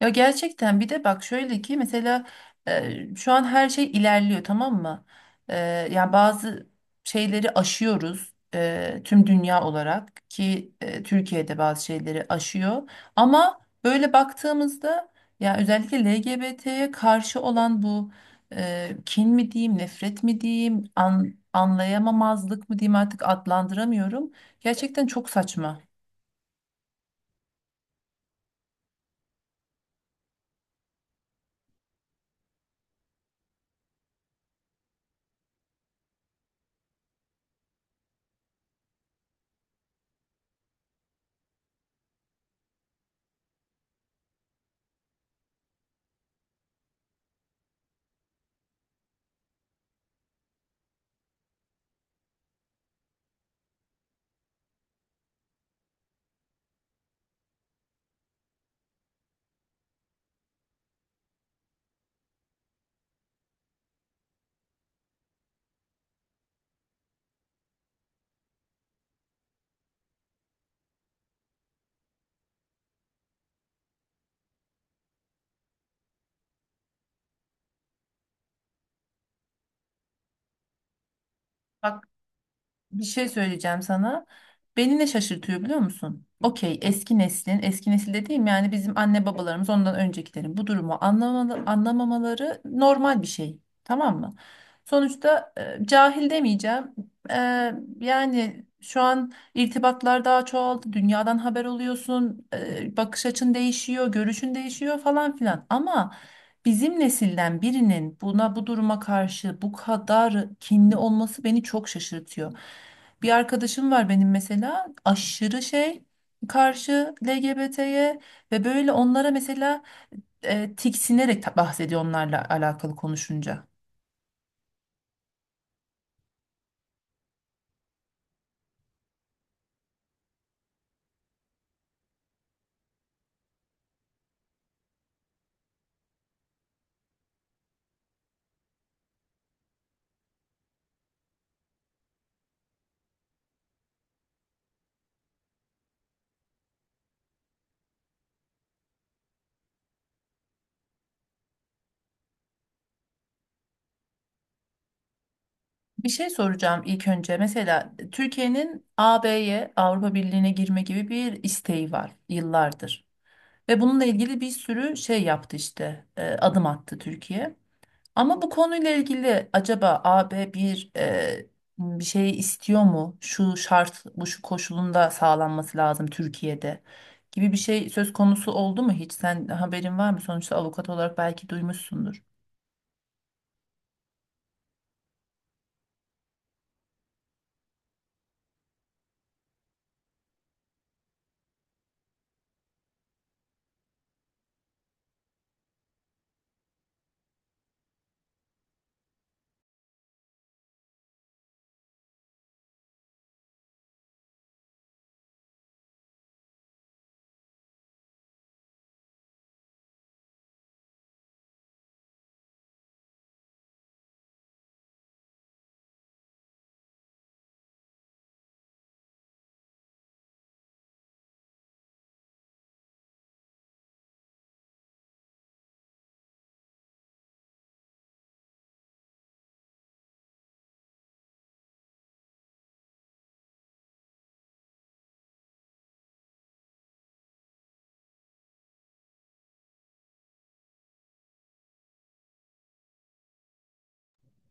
Ya gerçekten bir de bak şöyle ki mesela şu an her şey ilerliyor, tamam mı? E, Yani bazı şeyleri aşıyoruz, tüm dünya olarak ki Türkiye'de bazı şeyleri aşıyor. Ama böyle baktığımızda ya özellikle LGBT'ye karşı olan bu kin mi diyeyim, nefret mi diyeyim, anlayamamazlık mı diyeyim, artık adlandıramıyorum. Gerçekten çok saçma. Bir şey söyleyeceğim sana. Beni ne şaşırtıyor biliyor musun? Okey, eski neslin, eski nesil dediğim yani bizim anne babalarımız ondan öncekilerin bu durumu anlamalı, anlamamaları normal bir şey. Tamam mı? Sonuçta cahil demeyeceğim. E, Yani şu an irtibatlar daha çoğaldı. Dünyadan haber oluyorsun. Bakış açın değişiyor, görüşün değişiyor falan filan. Ama... bizim nesilden birinin buna bu duruma karşı bu kadar kinli olması beni çok şaşırtıyor. Bir arkadaşım var benim mesela, aşırı şey, karşı LGBT'ye, ve böyle onlara mesela tiksinerek bahsediyor onlarla alakalı konuşunca. Bir şey soracağım ilk önce. Mesela Türkiye'nin AB'ye, Avrupa Birliği'ne girme gibi bir isteği var yıllardır. Ve bununla ilgili bir sürü şey yaptı işte, adım attı Türkiye. Ama bu konuyla ilgili acaba A B bir bir şey istiyor mu? Şu şart, bu şu koşulunda sağlanması lazım Türkiye'de gibi bir şey söz konusu oldu mu hiç? Sen, haberin var mı? Sonuçta avukat olarak belki duymuşsundur.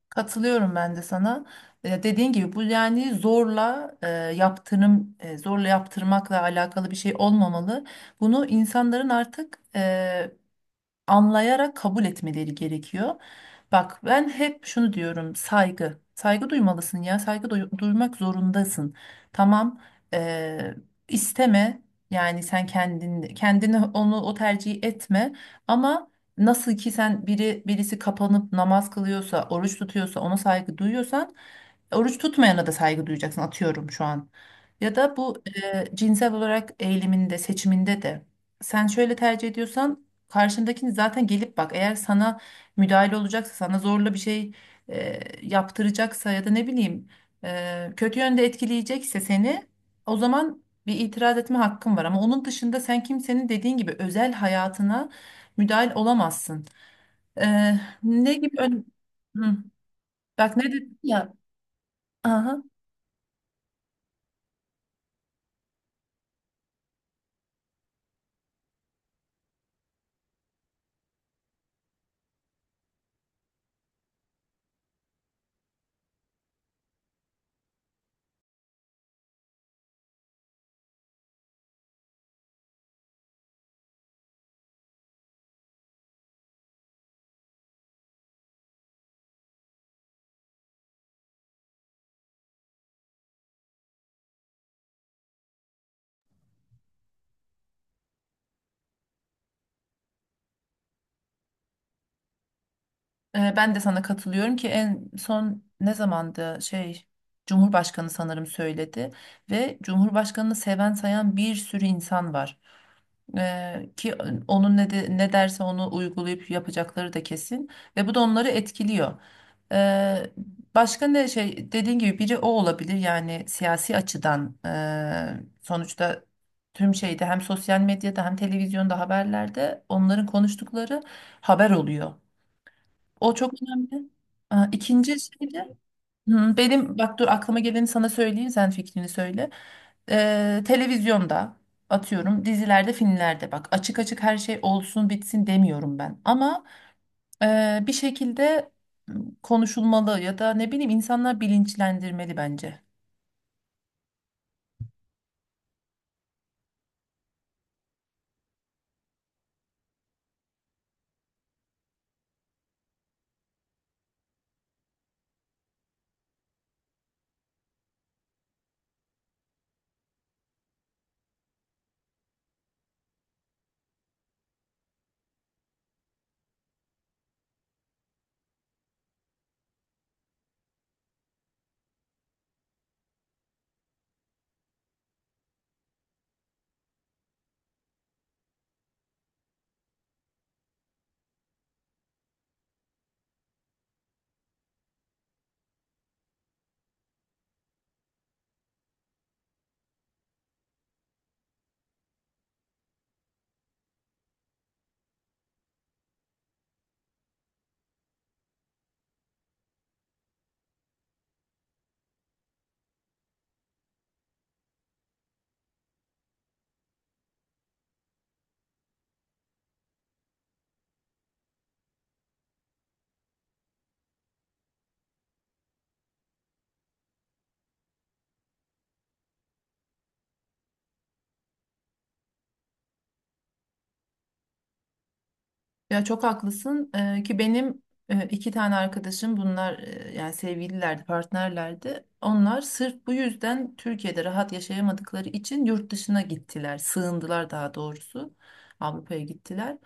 Katılıyorum ben de sana. Dediğin gibi bu, yani zorla yaptırım, zorla yaptırmakla alakalı bir şey olmamalı. Bunu insanların artık anlayarak kabul etmeleri gerekiyor. Bak ben hep şunu diyorum, saygı. Saygı duymalısın, ya saygı duymak zorundasın. Tamam, eee, isteme, yani sen kendin kendini onu o tercihi etme, ama nasıl ki sen birisi kapanıp namaz kılıyorsa oruç tutuyorsa ona saygı duyuyorsan, oruç tutmayana da saygı duyacaksın, atıyorum şu an. Ya da bu cinsel olarak eğiliminde, seçiminde de sen şöyle tercih ediyorsan, karşındakini zaten gelip bak, eğer sana müdahale olacaksa, sana zorla bir şey e, yaptıracaksa, ya da ne bileyim kötü yönde etkileyecekse seni, o zaman bir itiraz etme hakkın var, ama onun dışında sen kimsenin dediğin gibi özel hayatına müdahil olamazsın. E, Ne gibi hı, bak ne dedim ya, aha, ben de sana katılıyorum ki en son ne zamandı şey, Cumhurbaşkanı sanırım söyledi, ve Cumhurbaşkanı'nı seven sayan bir sürü insan var. Ki onun ne derse onu uygulayıp yapacakları da kesin, ve bu da onları etkiliyor. Ee, Başka ne şey, dediğin gibi biri o olabilir, yani siyasi açıdan, sonuçta tüm şeyde, hem sosyal medyada hem televizyonda haberlerde onların konuştukları haber oluyor. O çok önemli. Aa, İkinci şey de hı, benim, bak dur aklıma geleni sana söyleyeyim, sen fikrini söyle. Televizyonda atıyorum dizilerde filmlerde, bak açık açık her şey olsun bitsin demiyorum ben. Ama bir şekilde m, konuşulmalı ya da ne bileyim, insanlar bilinçlendirmeli bence. Ya çok haklısın. Ki benim iki tane arkadaşım, bunlar yani sevgililerdi, partnerlerdi. Onlar sırf bu yüzden Türkiye'de rahat yaşayamadıkları için yurt dışına gittiler, sığındılar daha doğrusu. Avrupa'ya gittiler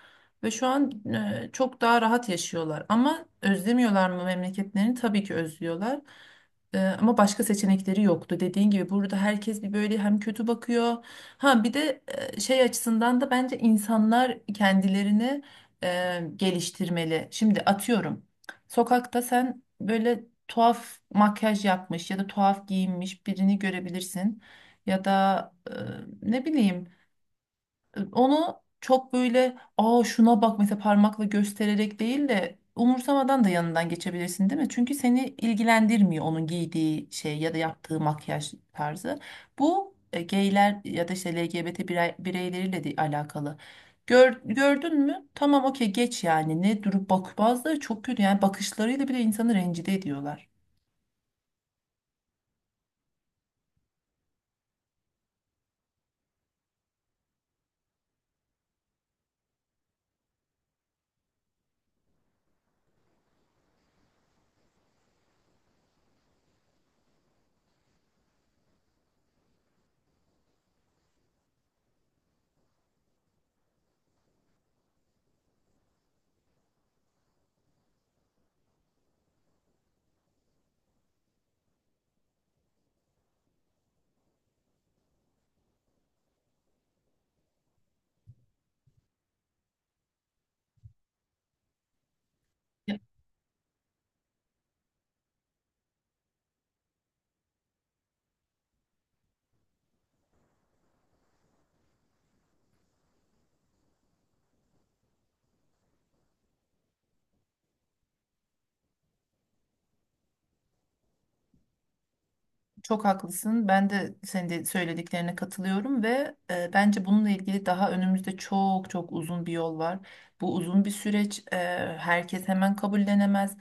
ve şu an çok daha rahat yaşıyorlar. Ama özlemiyorlar mı memleketlerini? Tabii ki özlüyorlar. Ama başka seçenekleri yoktu. Dediğin gibi burada herkes bir böyle hem kötü bakıyor. Ha bir de şey açısından da bence insanlar kendilerine geliştirmeli. Şimdi atıyorum, sokakta sen böyle tuhaf makyaj yapmış ya da tuhaf giyinmiş birini görebilirsin. Ya da ne bileyim, onu çok böyle aa şuna bak mesela parmakla göstererek değil de umursamadan da yanından geçebilirsin değil mi? Çünkü seni ilgilendirmiyor onun giydiği şey ya da yaptığı makyaj tarzı. Bu gayler ya da işte LGBT bireyleriyle de alakalı. Gördün mü? Tamam okey, geç yani. Ne durup bak, bazıları çok kötü yani, bakışlarıyla bile insanı rencide ediyorlar. Çok haklısın. Ben de senin de söylediklerine katılıyorum, ve bence bununla ilgili daha önümüzde çok çok uzun bir yol var. Bu uzun bir süreç. Herkes hemen kabullenemez.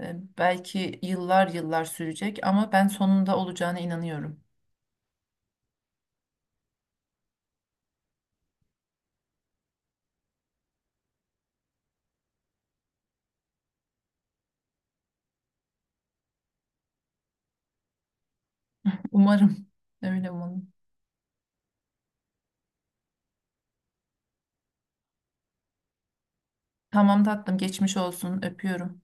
Belki yıllar yıllar sürecek, ama ben sonunda olacağına inanıyorum. Umarım. Öyle umarım. Tamam tatlım. Geçmiş olsun. Öpüyorum.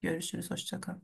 Görüşürüz. Hoşça kal.